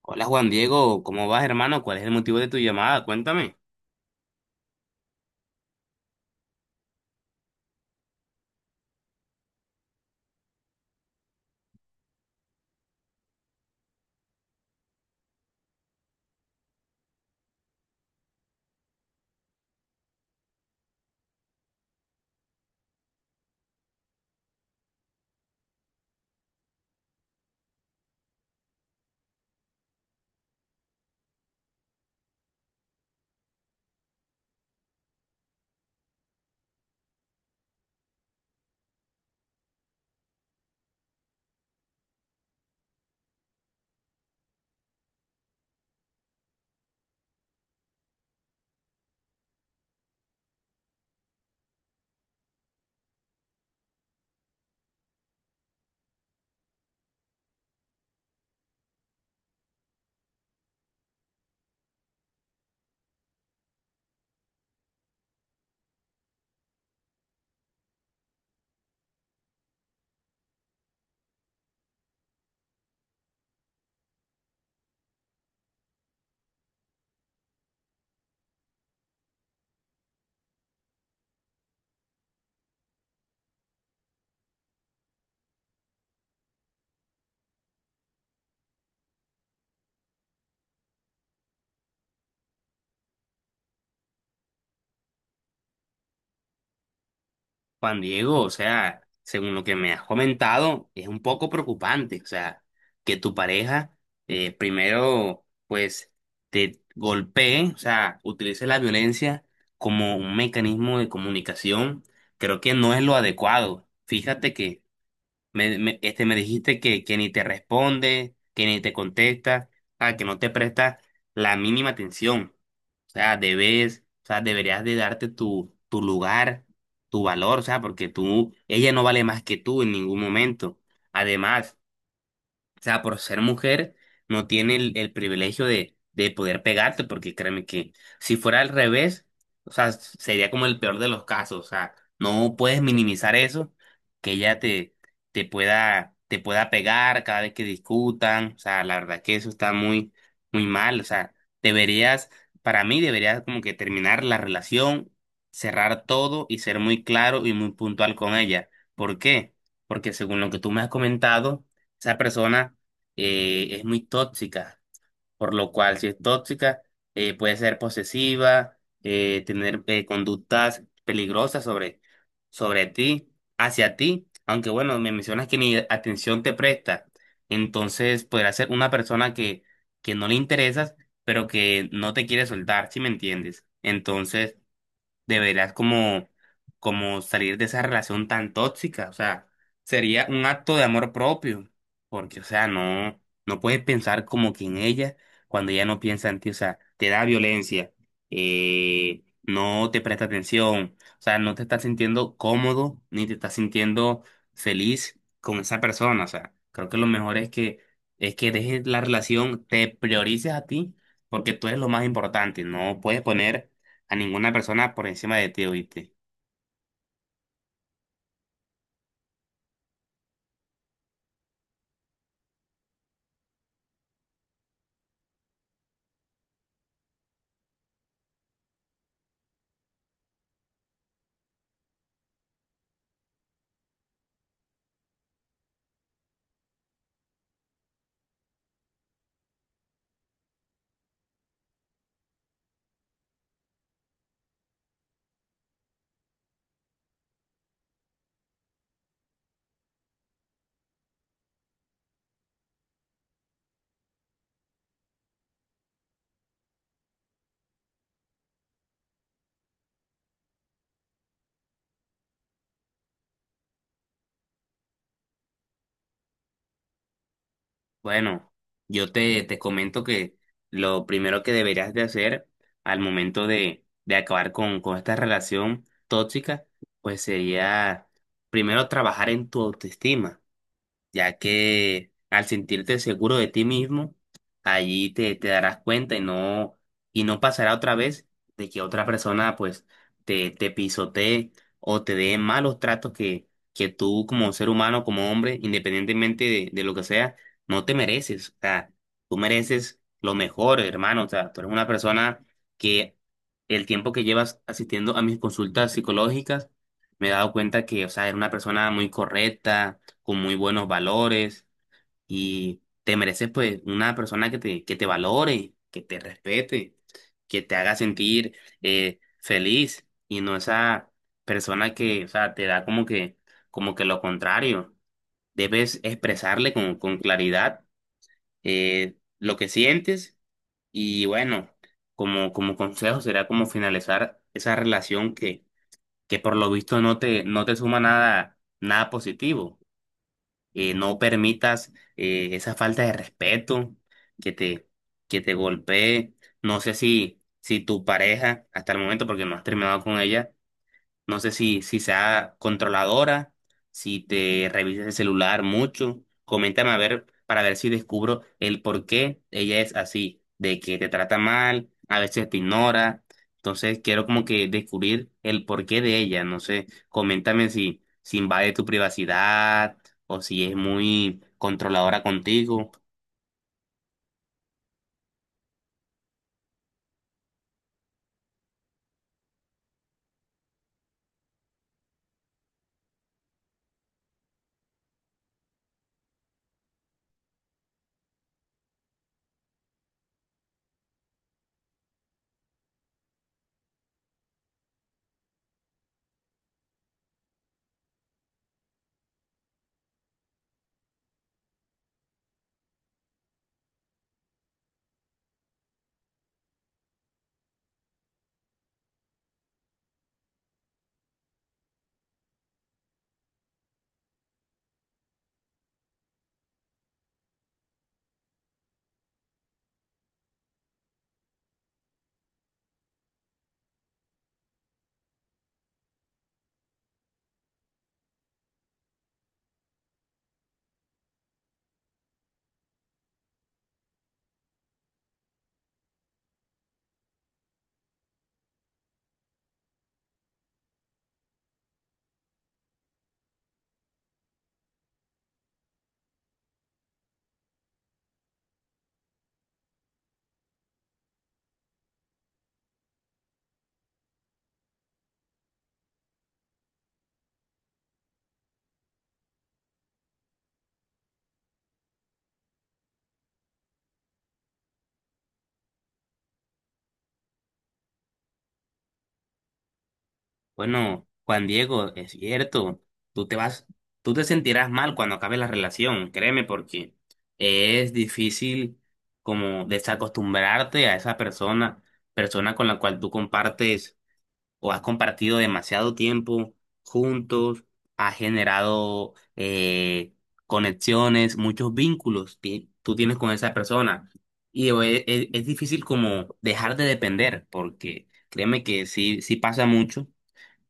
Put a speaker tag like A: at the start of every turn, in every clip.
A: Hola Juan Diego, ¿cómo vas hermano? ¿Cuál es el motivo de tu llamada? Cuéntame. Juan Diego, o sea, según lo que me has comentado, es un poco preocupante, o sea, que tu pareja primero pues te golpee, o sea, utilice la violencia como un mecanismo de comunicación, creo que no es lo adecuado. Fíjate que me dijiste que ni te responde, que ni te contesta, ah, que no te presta la mínima atención. O sea, debes, o sea, deberías de darte tu lugar, tu valor, o sea, porque tú, ella no vale más que tú en ningún momento. Además, o sea, por ser mujer, no tiene el privilegio de poder pegarte, porque créeme que si fuera al revés, o sea, sería como el peor de los casos. O sea, no puedes minimizar eso, que ella te pueda pegar cada vez que discutan. O sea, la verdad que eso está muy, muy mal. O sea, deberías, para mí, deberías como que terminar la relación, cerrar todo y ser muy claro y muy puntual con ella. ¿Por qué? Porque según lo que tú me has comentado, esa persona es muy tóxica, por lo cual si es tóxica puede ser posesiva, tener conductas peligrosas sobre ti, hacia ti, aunque bueno, me mencionas que ni atención te presta, entonces podrá ser una persona que no le interesas, pero que no te quiere soltar, si me entiendes. Entonces, deberás como salir de esa relación tan tóxica. O sea, sería un acto de amor propio, porque, o sea, no, no puedes pensar como que en ella cuando ella no piensa en ti, o sea, te da violencia, no te presta atención, o sea, no te estás sintiendo cómodo ni te estás sintiendo feliz con esa persona. O sea, creo que lo mejor es es que dejes la relación, te priorices a ti, porque tú eres lo más importante, no puedes poner a ninguna persona por encima de ti, ¿oíste? Bueno, te comento que lo primero que deberías de hacer al momento de acabar con esta relación tóxica, pues sería primero trabajar en tu autoestima. Ya que al sentirte seguro de ti mismo, allí te darás cuenta y no pasará otra vez de que otra persona pues te pisotee o te dé malos tratos que tú como ser humano, como hombre, independientemente de lo que sea, no te mereces. O sea, tú mereces lo mejor, hermano. O sea, tú eres una persona que el tiempo que llevas asistiendo a mis consultas psicológicas, me he dado cuenta que, o sea, eres una persona muy correcta con muy buenos valores y te mereces pues una persona que te valore, que te respete, que te haga sentir feliz y no esa persona que, o sea, te da como que lo contrario. Debes expresarle con claridad lo que sientes y bueno, como consejo será como finalizar esa relación que por lo visto no te suma nada, nada positivo no permitas esa falta de respeto que te, que te golpee. No sé si tu pareja, hasta el momento, porque no has terminado con ella, no sé si sea controladora, si te revisas el celular mucho. Coméntame a ver para ver si descubro el por qué ella es así, de que te trata mal, a veces te ignora. Entonces quiero como que descubrir el porqué de ella. No sé, coméntame si invade tu privacidad o si es muy controladora contigo. Bueno, Juan Diego, es cierto, tú te vas, tú te sentirás mal cuando acabe la relación, créeme, porque es difícil como desacostumbrarte a esa persona, persona con la cual tú compartes o has compartido demasiado tiempo juntos, has generado conexiones, muchos vínculos que tú tienes con esa persona. Y es difícil como dejar de depender, porque créeme que sí, sí pasa mucho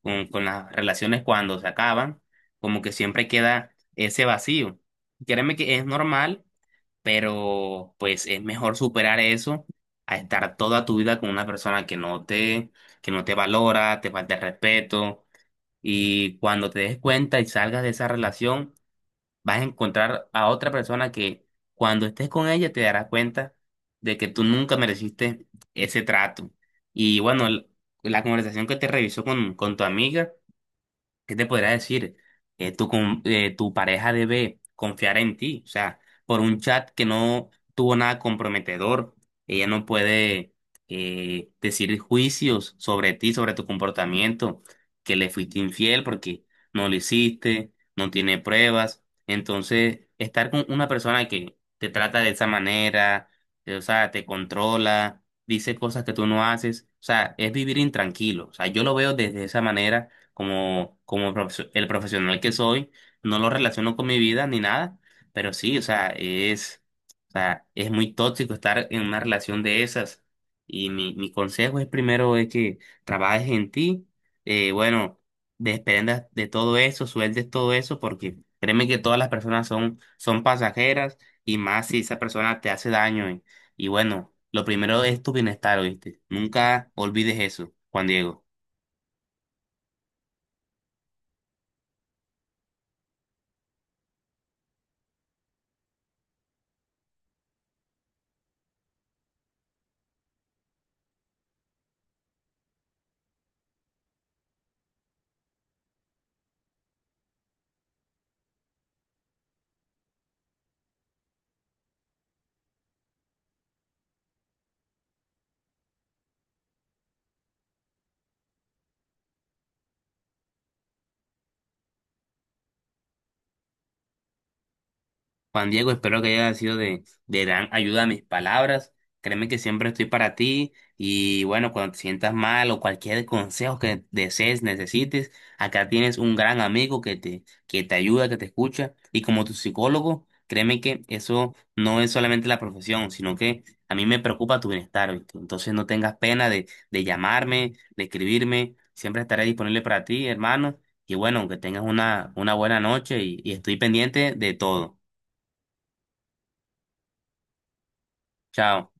A: con las relaciones cuando se acaban, como que siempre queda ese vacío. Créeme que es normal, pero pues es mejor superar eso a estar toda tu vida con una persona que no te valora, te falta el respeto. Y cuando te des cuenta y salgas de esa relación, vas a encontrar a otra persona que cuando estés con ella te darás cuenta de que tú nunca mereciste ese trato. Y bueno, la conversación que te revisó con tu amiga. ¿Qué te podría decir? Tu pareja debe confiar en ti. O sea, por un chat que no tuvo nada comprometedor, ella no puede decir juicios sobre ti, sobre tu comportamiento, que le fuiste infiel porque no lo hiciste, no tiene pruebas. Entonces, estar con una persona que te trata de esa manera, o sea, te controla, dice cosas que tú no haces, o sea, es vivir intranquilo. O sea, yo lo veo desde esa manera como el profesional que soy, no lo relaciono con mi vida ni nada, pero sí, o sea, es muy tóxico estar en una relación de esas. Y mi consejo es primero es que trabajes en ti, bueno, desprendas de todo eso, sueltes todo eso, porque créeme que todas las personas son pasajeras y más si esa persona te hace daño. Y bueno, lo primero es tu bienestar, ¿oíste? Nunca olvides eso, Juan Diego. Juan Diego, espero que haya sido de gran ayuda a mis palabras. Créeme que siempre estoy para ti y bueno, cuando te sientas mal o cualquier consejo que desees, necesites, acá tienes un gran amigo que te ayuda, que te escucha y como tu psicólogo, créeme que eso no es solamente la profesión, sino que a mí me preocupa tu bienestar, ¿viste? Entonces no tengas pena de llamarme, de escribirme, siempre estaré disponible para ti, hermano. Y bueno, que tengas una buena noche y estoy pendiente de todo. Chao.